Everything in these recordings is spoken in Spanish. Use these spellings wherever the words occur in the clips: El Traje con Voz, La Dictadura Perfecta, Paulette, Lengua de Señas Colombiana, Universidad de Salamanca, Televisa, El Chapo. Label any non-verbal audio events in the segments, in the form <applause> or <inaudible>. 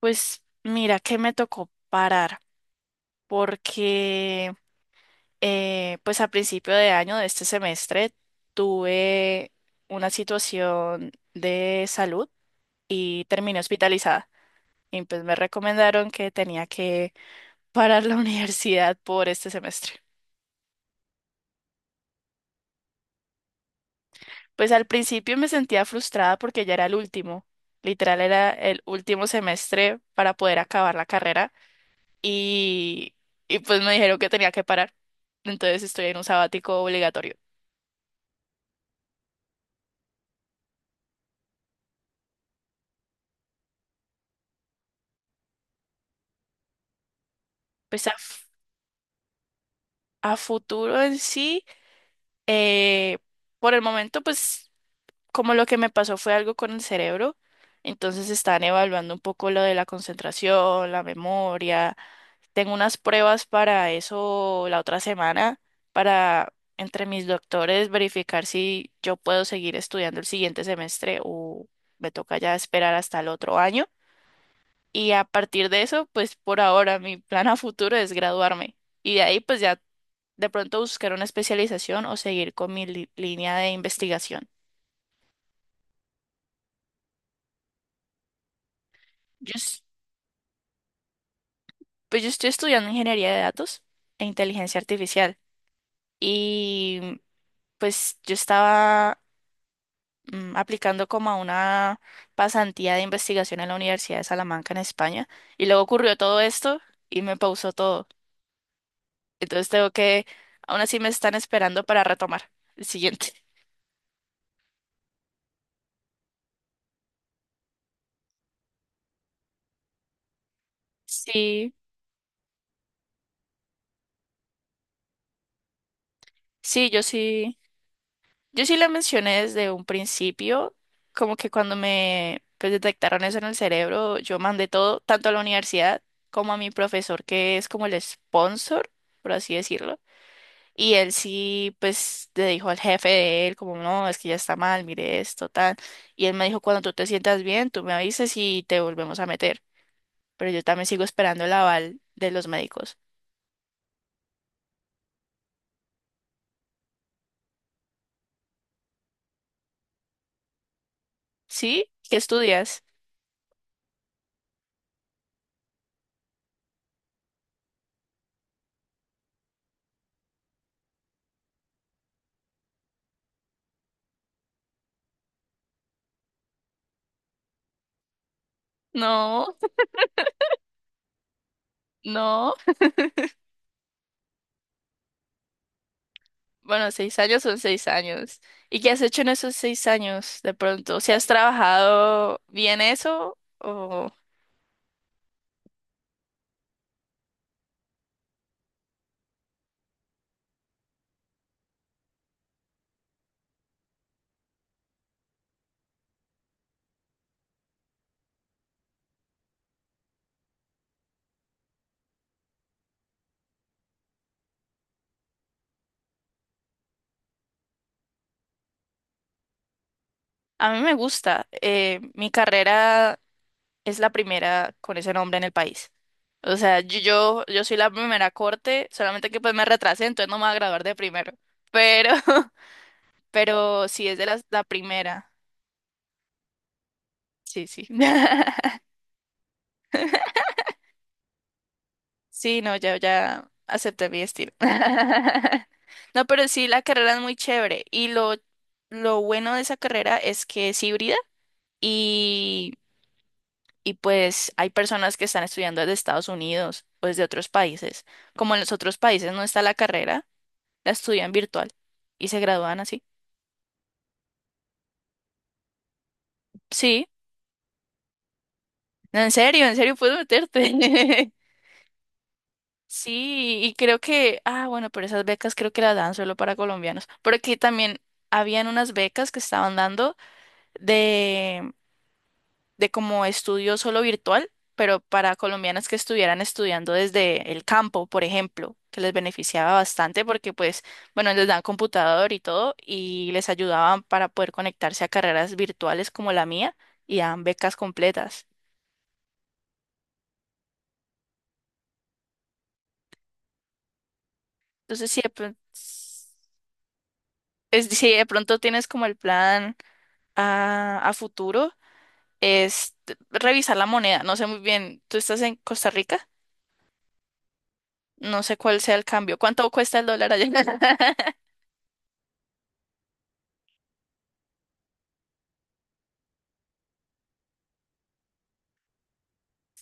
Pues mira que me tocó parar porque pues a principio de año de este semestre tuve una situación de salud y terminé hospitalizada y pues me recomendaron que tenía que parar la <laughs> universidad por este semestre. Pues al principio me sentía frustrada porque ya era el último, literal era el último semestre para poder acabar la carrera y, y pues me dijeron que tenía que parar. Entonces estoy en un sabático obligatorio. Pues a futuro en sí, eh, por el momento, pues como lo que me pasó fue algo con el cerebro, entonces están evaluando un poco lo de la concentración, la memoria. Tengo unas pruebas para eso la otra semana, para entre mis doctores verificar si yo puedo seguir estudiando el siguiente semestre o me toca ya esperar hasta el otro año. Y a partir de eso, pues por ahora mi plan a futuro es graduarme. Y de ahí, pues ya de pronto buscar una especialización o seguir con mi línea de investigación. Yo, es- pues yo estoy estudiando ingeniería de datos e inteligencia artificial. Y pues yo estaba aplicando como a una pasantía de investigación en la Universidad de Salamanca en España. Y luego ocurrió todo esto y me pausó todo. Entonces tengo que, aún así me están esperando para retomar el siguiente. Sí. Sí, yo sí, la mencioné desde un principio, como que cuando me pues, detectaron eso en el cerebro, yo mandé todo, tanto a la universidad como a mi profesor, que es como el sponsor, por así decirlo, y él sí, pues le dijo al jefe de él, como, no, es que ya está mal, mire esto, tal, y él me dijo, cuando tú te sientas bien, tú me avisas y te volvemos a meter, pero yo también sigo esperando el aval de los médicos. ¿Sí? ¿Qué estudias? No, <laughs> no. Bueno, seis años son seis años. ¿Y qué has hecho en esos seis años de pronto? ¿Si has trabajado bien eso? O... A mí me gusta. Mi carrera es la primera con ese nombre en el país. O sea, yo soy la primera corte, solamente que pues me retrasé, entonces no me voy a graduar de primero. Pero, <laughs> pero sí es de la primera. Sí, sí. <laughs> Sí, no, ya acepté mi estilo. <laughs> No, pero sí, la carrera es muy chévere. Y lo bueno de esa carrera es que es híbrida y, y pues hay personas que están estudiando desde Estados Unidos o desde otros países. Como en los otros países no está la carrera, la estudian virtual y se gradúan así. Sí, no, en serio puedes meterte. <laughs> Sí, y creo que, ah, bueno, pero esas becas creo que las dan solo para colombianos. Porque también habían unas becas que estaban dando de, de como estudio solo virtual, pero para colombianas que estuvieran estudiando desde el campo, por ejemplo, que les beneficiaba bastante porque pues, bueno, les dan computador y todo y les ayudaban para poder conectarse a carreras virtuales como la mía y dan becas completas. Entonces, sí, si de pronto tienes como el plan a futuro, es revisar la moneda. No sé muy bien, ¿tú estás en Costa Rica? No sé cuál sea el cambio. ¿Cuánto cuesta el dólar allá? <laughs>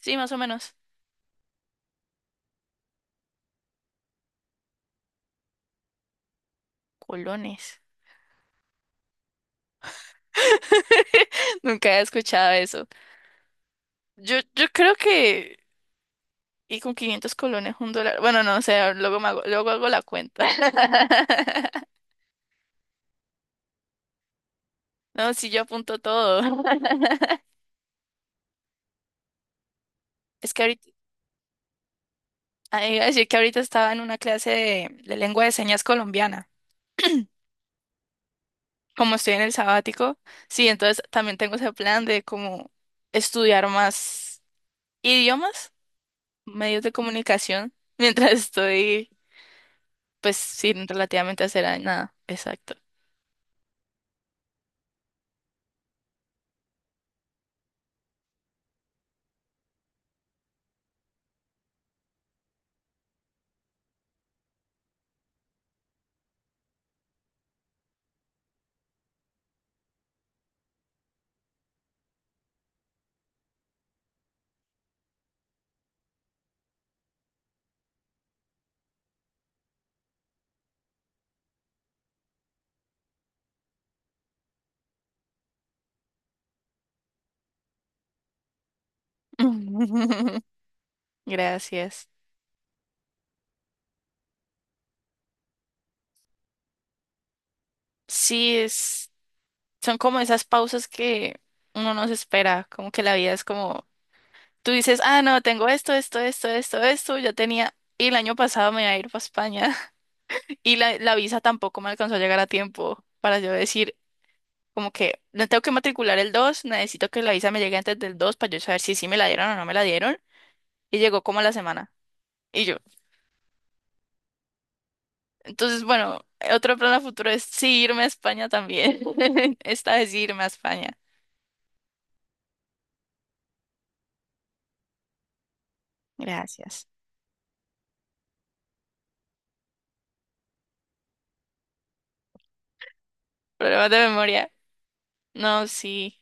Sí, más o menos. Colones. <laughs> Nunca he escuchado eso. Yo creo que... Y con 500 colones un dólar. Bueno, no, o sea, luego, luego hago la cuenta. <laughs> No, sí, yo apunto todo. <laughs> Es que ahorita... ah, iba a decir que ahorita estaba en una clase de lengua de señas colombiana. <clears throat> Como estoy en el sabático, sí, entonces también tengo ese plan de como estudiar más idiomas medios de comunicación <laughs> mientras estoy, pues sin relativamente hacer nada. Exacto. <laughs> Gracias. Sí, son como esas pausas que uno no se espera, como que la vida es como, tú dices, ah, no, tengo esto, esto, esto, esto, esto, ya tenía, y el año pasado me iba a ir para España <laughs> y la visa tampoco me alcanzó a llegar a tiempo para yo decir, como que no tengo que matricular el 2 necesito que la visa me llegue antes del dos para yo saber si sí me la dieron o no me la dieron, y llegó como a la semana. Y yo, entonces, bueno, otro plan a futuro es sí irme a España también. <laughs> Esta vez sí irme a España. Gracias. Problemas de memoria. No, sí.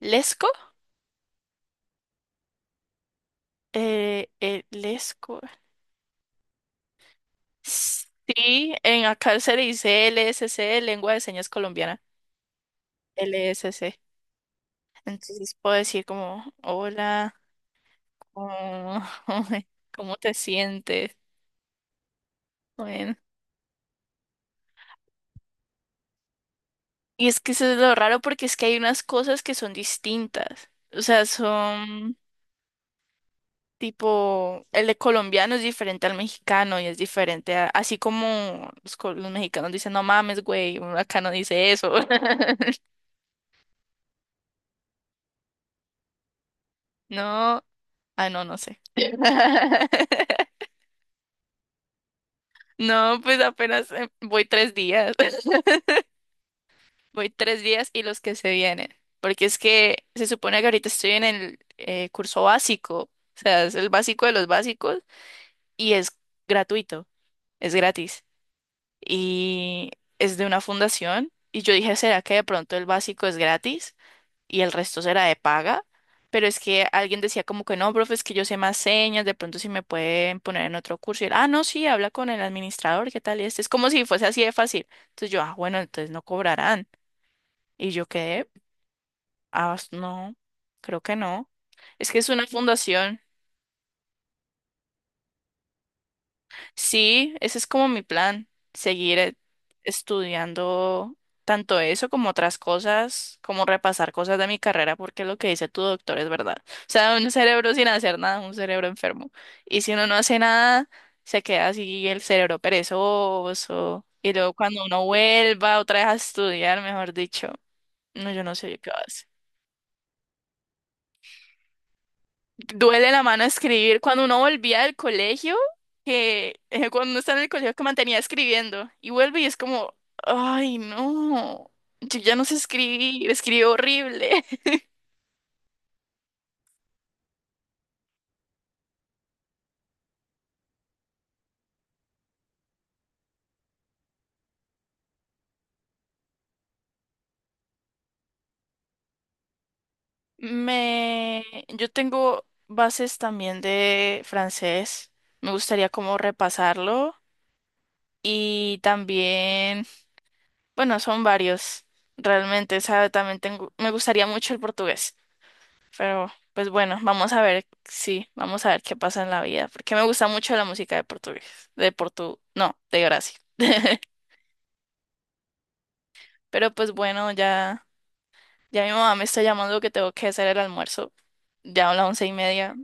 ¿Lesco? Lesco. Sí, en acá se le dice LSC, Lengua de Señas Colombiana. LSC. Entonces puedo decir como, hola, ¿cómo, <laughs> cómo te sientes? Bueno. Y es que eso es lo raro porque es que hay unas cosas que son distintas. O sea, son... Tipo, el de colombiano es diferente al mexicano y es diferente así como los mexicanos dicen, no mames, güey, uno acá no dice eso. <laughs> No, ah, no, no sé. <laughs> No, pues apenas voy tres días. <laughs> Voy tres días y los que se vienen. Porque es que se supone que ahorita estoy en el curso básico. O sea, es el básico de los básicos y es gratuito, es gratis. Y es de una fundación. Y yo dije, ¿será que de pronto el básico es gratis y el resto será de paga? Pero es que alguien decía como que no, profe, es que yo sé más señas, de pronto si me pueden poner en otro curso. Y él, ah, no, sí, habla con el administrador, ¿qué tal? Y este es como si fuese así de fácil. Entonces yo, ah, bueno, entonces no cobrarán. Y yo quedé, ah, no, creo que no. Es que es una fundación. Sí, ese es como mi plan, seguir estudiando tanto eso como otras cosas, como repasar cosas de mi carrera, porque lo que dice tu doctor es verdad. O sea, un cerebro sin hacer nada, un cerebro enfermo. Y si uno no hace nada, se queda así el cerebro perezoso. Y luego cuando uno vuelva otra vez a estudiar, mejor dicho, no, yo no sé qué va a hacer. Duele la mano escribir. Cuando uno volvía del colegio, que cuando uno está en el colegio que mantenía escribiendo y vuelve y es como, ay, no, yo ya no sé escribir, escribo horrible. <laughs> Me, yo tengo bases también de francés. Me gustaría como repasarlo y también, bueno, son varios. Realmente, o sea, también tengo, me gustaría mucho el portugués. Pero pues bueno, vamos a ver, sí, vamos a ver qué pasa en la vida, porque me gusta mucho la música de portugués, no, de Brasil. <laughs> Pero pues bueno, ya, mi mamá me está llamando que tengo que hacer el almuerzo, ya a las 11:30.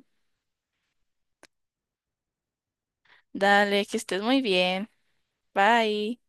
Dale, que estés muy bien, bye.